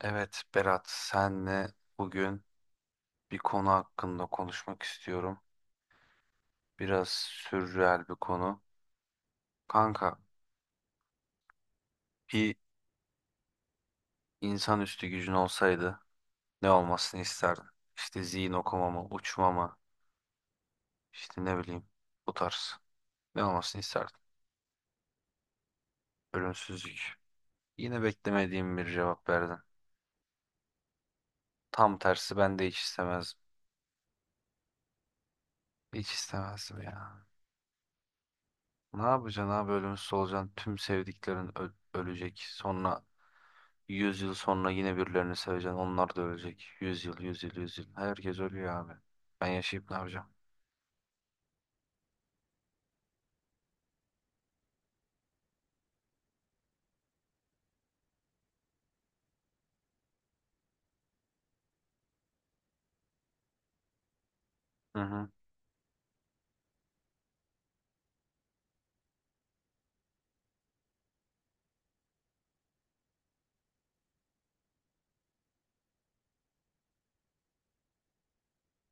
Evet Berat, senle bugün bir konu hakkında konuşmak istiyorum. Biraz sürreel bir konu. Kanka, bir insanüstü gücün olsaydı ne olmasını isterdin? İşte zihin okuma mı, uçma mı, işte ne bileyim bu tarz. Ne olmasını isterdin? Ölümsüzlük. Yine beklemediğim bir cevap verdin. Tam tersi ben de hiç istemezdim. Hiç istemezdim ya. Ne yapacaksın abi, ölümsüz olacaksın. Tüm sevdiklerin ölecek. Sonra yüz yıl sonra yine birilerini seveceksin. Onlar da ölecek. 100 yıl, 100 yıl, 100 yıl. Herkes ölüyor abi. Ben yaşayıp ne yapacağım? Hı hı.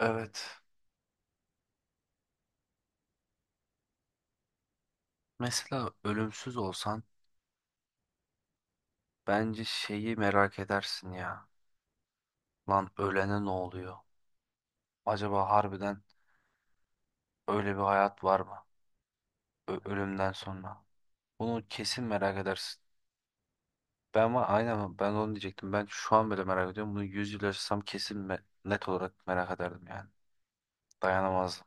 Evet. Mesela ölümsüz olsan bence şeyi merak edersin ya. Lan ölene ne oluyor? Acaba harbiden öyle bir hayat var mı? Ölümden sonra. Bunu kesin merak edersin. Ben ama aynen ben onu diyecektim. Ben şu an bile merak ediyorum. Bunu 100 yıl yaşasam kesin net olarak merak ederdim yani. Dayanamazdım.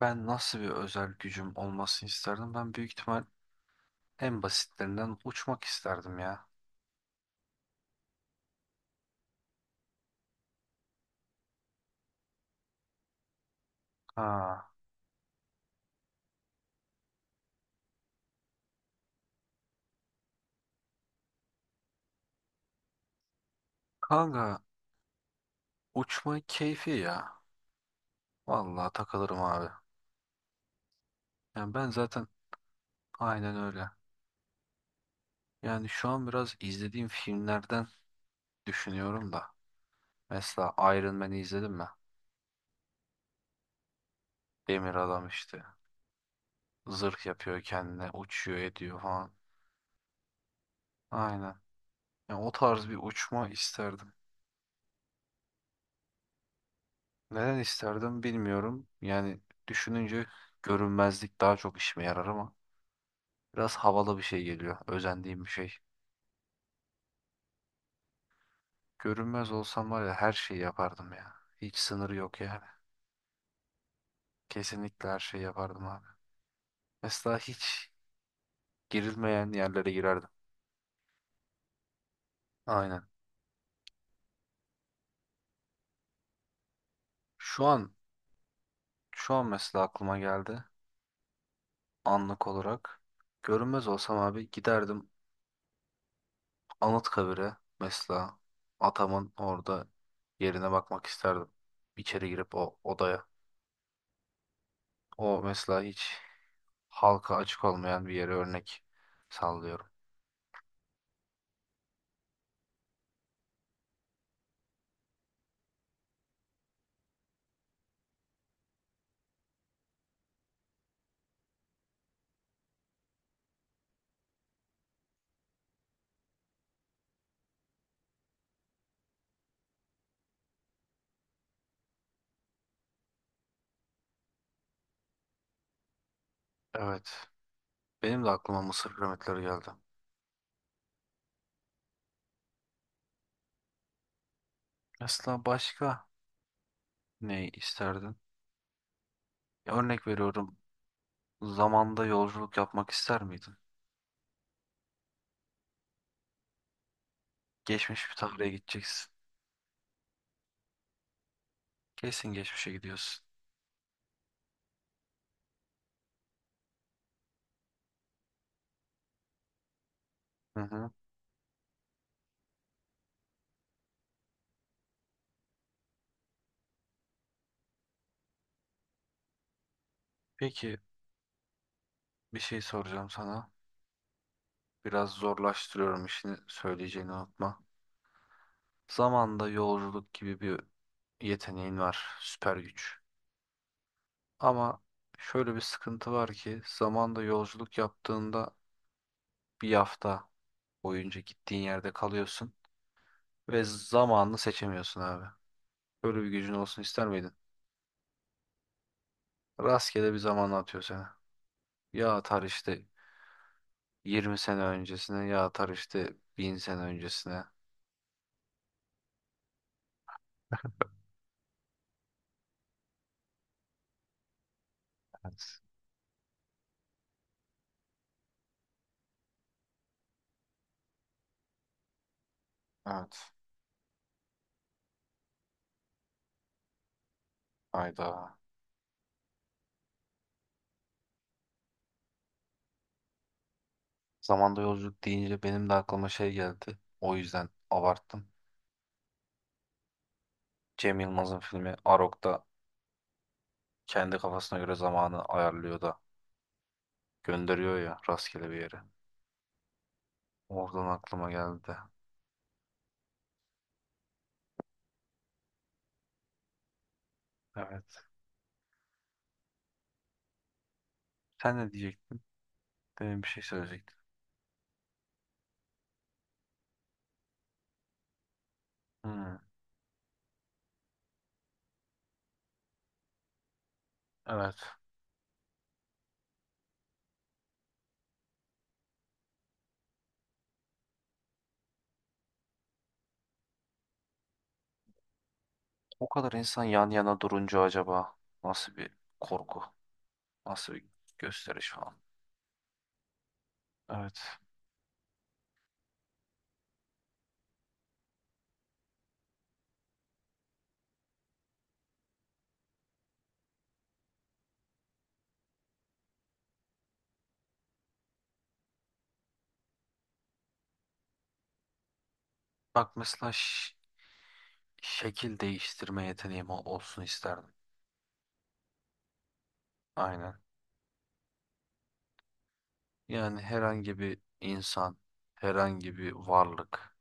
Ben nasıl bir özel gücüm olmasını isterdim? Ben büyük ihtimal en basitlerinden uçmak isterdim ya. Ha. Kanka, uçmayı keyfi ya. Vallahi takılırım abi. Yani ben zaten aynen öyle. Yani şu an biraz izlediğim filmlerden düşünüyorum da. Mesela Iron Man'i izledin mi? Demir adam işte. Zırh yapıyor kendine, uçuyor ediyor falan. Aynen. Yani o tarz bir uçma isterdim. Neden isterdim bilmiyorum. Yani düşününce görünmezlik daha çok işime yarar ama biraz havalı bir şey geliyor. Özendiğim bir şey. Görünmez olsam var ya, her şeyi yapardım ya. Hiç sınırı yok yani. Kesinlikle her şeyi yapardım abi. Mesela hiç girilmeyen yerlere girerdim. Aynen. Şu an şu an mesela aklıma geldi anlık olarak. Görünmez olsam abi giderdim Anıtkabir'e, mesela atamın orada yerine bakmak isterdim. İçeri girip o odaya. O mesela hiç halka açık olmayan bir yere örnek sallıyorum. Evet. Benim de aklıma Mısır piramitleri geldi. Mesela başka ne isterdin? Ya, örnek veriyorum. Zamanda yolculuk yapmak ister miydin? Geçmiş bir tarihe gideceksin. Kesin geçmişe gidiyorsun. Hı hı. Peki, bir şey soracağım sana. Biraz zorlaştırıyorum, işini söyleyeceğini unutma. Zamanda yolculuk gibi bir yeteneğin var. Süper güç. Ama şöyle bir sıkıntı var ki, zamanda yolculuk yaptığında bir hafta boyunca gittiğin yerde kalıyorsun ve zamanını seçemiyorsun abi. Böyle bir gücün olsun ister miydin? Rastgele bir zamana atıyor seni. Ya atar işte 20 sene öncesine, ya atar işte 1000 sene öncesine. Evet. Evet. Hayda. Zamanda yolculuk deyince benim de aklıma şey geldi. O yüzden abarttım. Cem Yılmaz'ın filmi Arok'ta kendi kafasına göre zamanı ayarlıyor da. Gönderiyor ya rastgele bir yere. Oradan aklıma geldi. Evet. Sen ne diyecektin? Demin bir şey söyleyecektin. Hmm, evet. O kadar insan yan yana durunca acaba nasıl bir korku, nasıl bir gösteriş falan. Evet. Bak mesela şekil değiştirme yeteneğim olsun isterdim. Aynen. Yani herhangi bir insan, herhangi bir varlık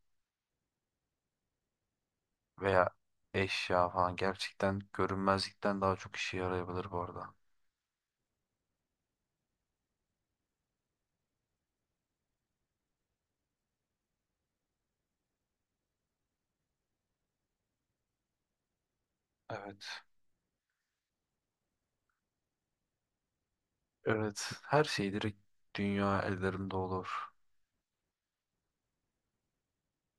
veya eşya falan gerçekten görünmezlikten daha çok işe yarayabilir bu arada. Evet. Evet, her şey direkt dünya ellerimde olur.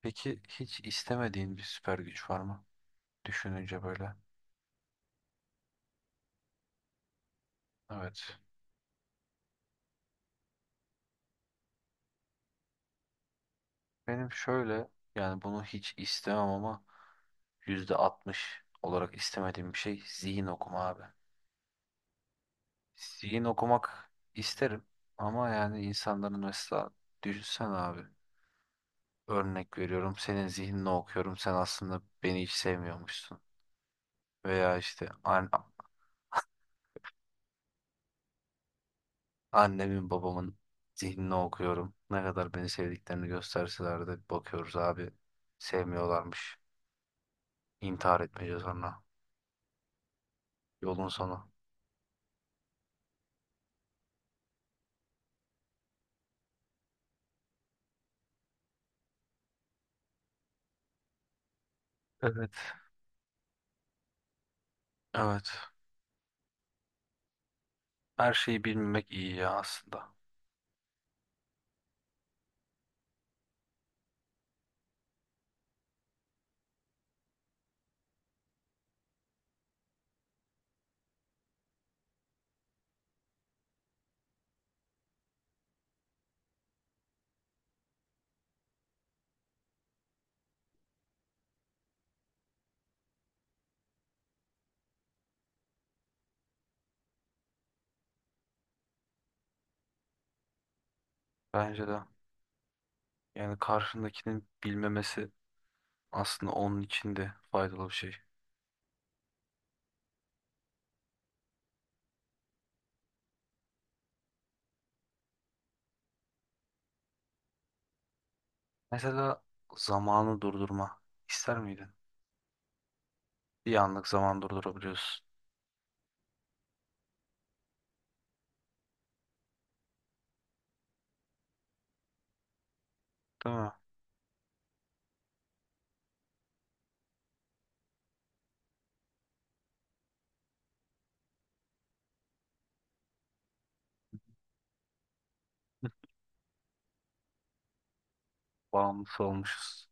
Peki hiç istemediğin bir süper güç var mı? Düşününce böyle. Evet. Benim şöyle, yani bunu hiç istemem ama %60 olarak istemediğim bir şey zihin okuma abi. Zihin okumak isterim ama yani insanların, mesela düşünsen abi, örnek veriyorum senin zihnini okuyorum, sen aslında beni hiç sevmiyormuşsun. Veya işte, annemin babamın zihnini okuyorum. Ne kadar beni sevdiklerini gösterseler de bakıyoruz abi. Sevmiyorlarmış. İntihar etmeyeceğiz sonra. Yolun sonu. Evet. Evet. Her şeyi bilmemek iyi ya aslında. Bence de. Yani karşındakinin bilmemesi aslında onun için de faydalı bir şey. Mesela zamanı durdurma. İster miydin? Bir anlık zaman durdurabiliyorsun. Değil mi? Bağımlısı olmuşuz.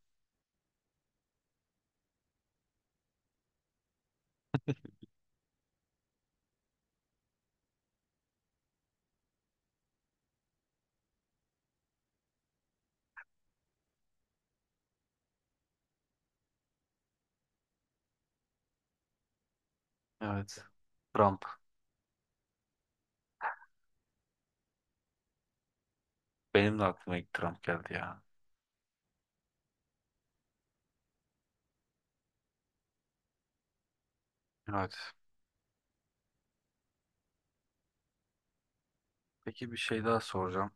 Evet. Trump. Benim de aklıma ilk Trump geldi ya. Evet. Peki, bir şey daha soracağım.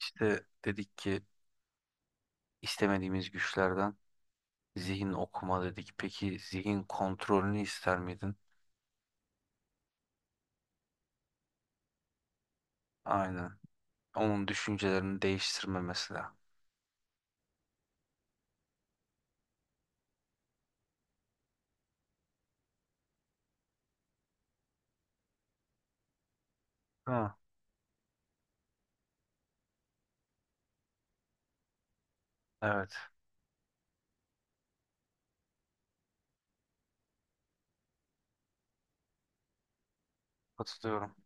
İşte dedik ki istemediğimiz güçlerden zihin okuma dedik. Peki zihin kontrolünü ister miydin? Aynen. Onun düşüncelerini değiştirme mesela. Ha, evet. Katılıyorum.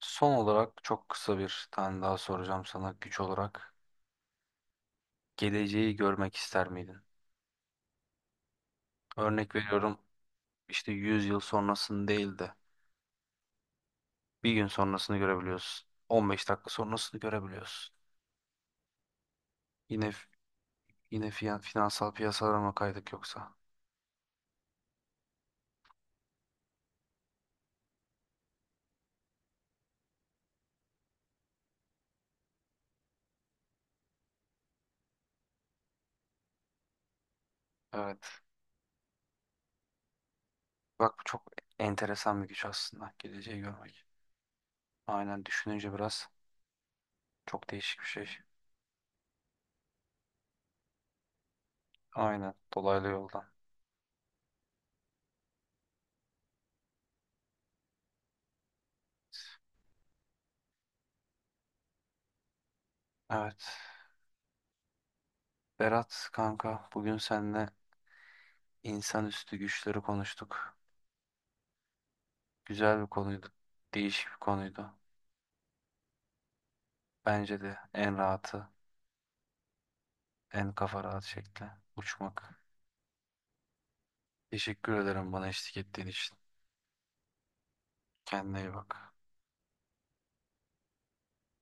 Son olarak çok kısa bir tane daha soracağım sana güç olarak. Geleceği görmek ister miydin? Örnek veriyorum, işte 100 yıl sonrasını değil de bir gün sonrasını görebiliyorsun, 15 dakika sonrasını görebiliyorsun. Yine yine finansal piyasalara mı kaydık yoksa? Evet. Bak, bu çok enteresan bir güç aslında. Geleceği görmek. Aynen, düşününce biraz çok değişik bir şey. Aynen. Dolaylı yoldan. Evet. Berat kanka, bugün seninle insanüstü güçleri konuştuk. Güzel bir konuydu. Değişik bir konuydu. Bence de en rahatı, en kafa rahat şekli uçmak. Teşekkür ederim bana eşlik ettiğin için. Kendine iyi bak.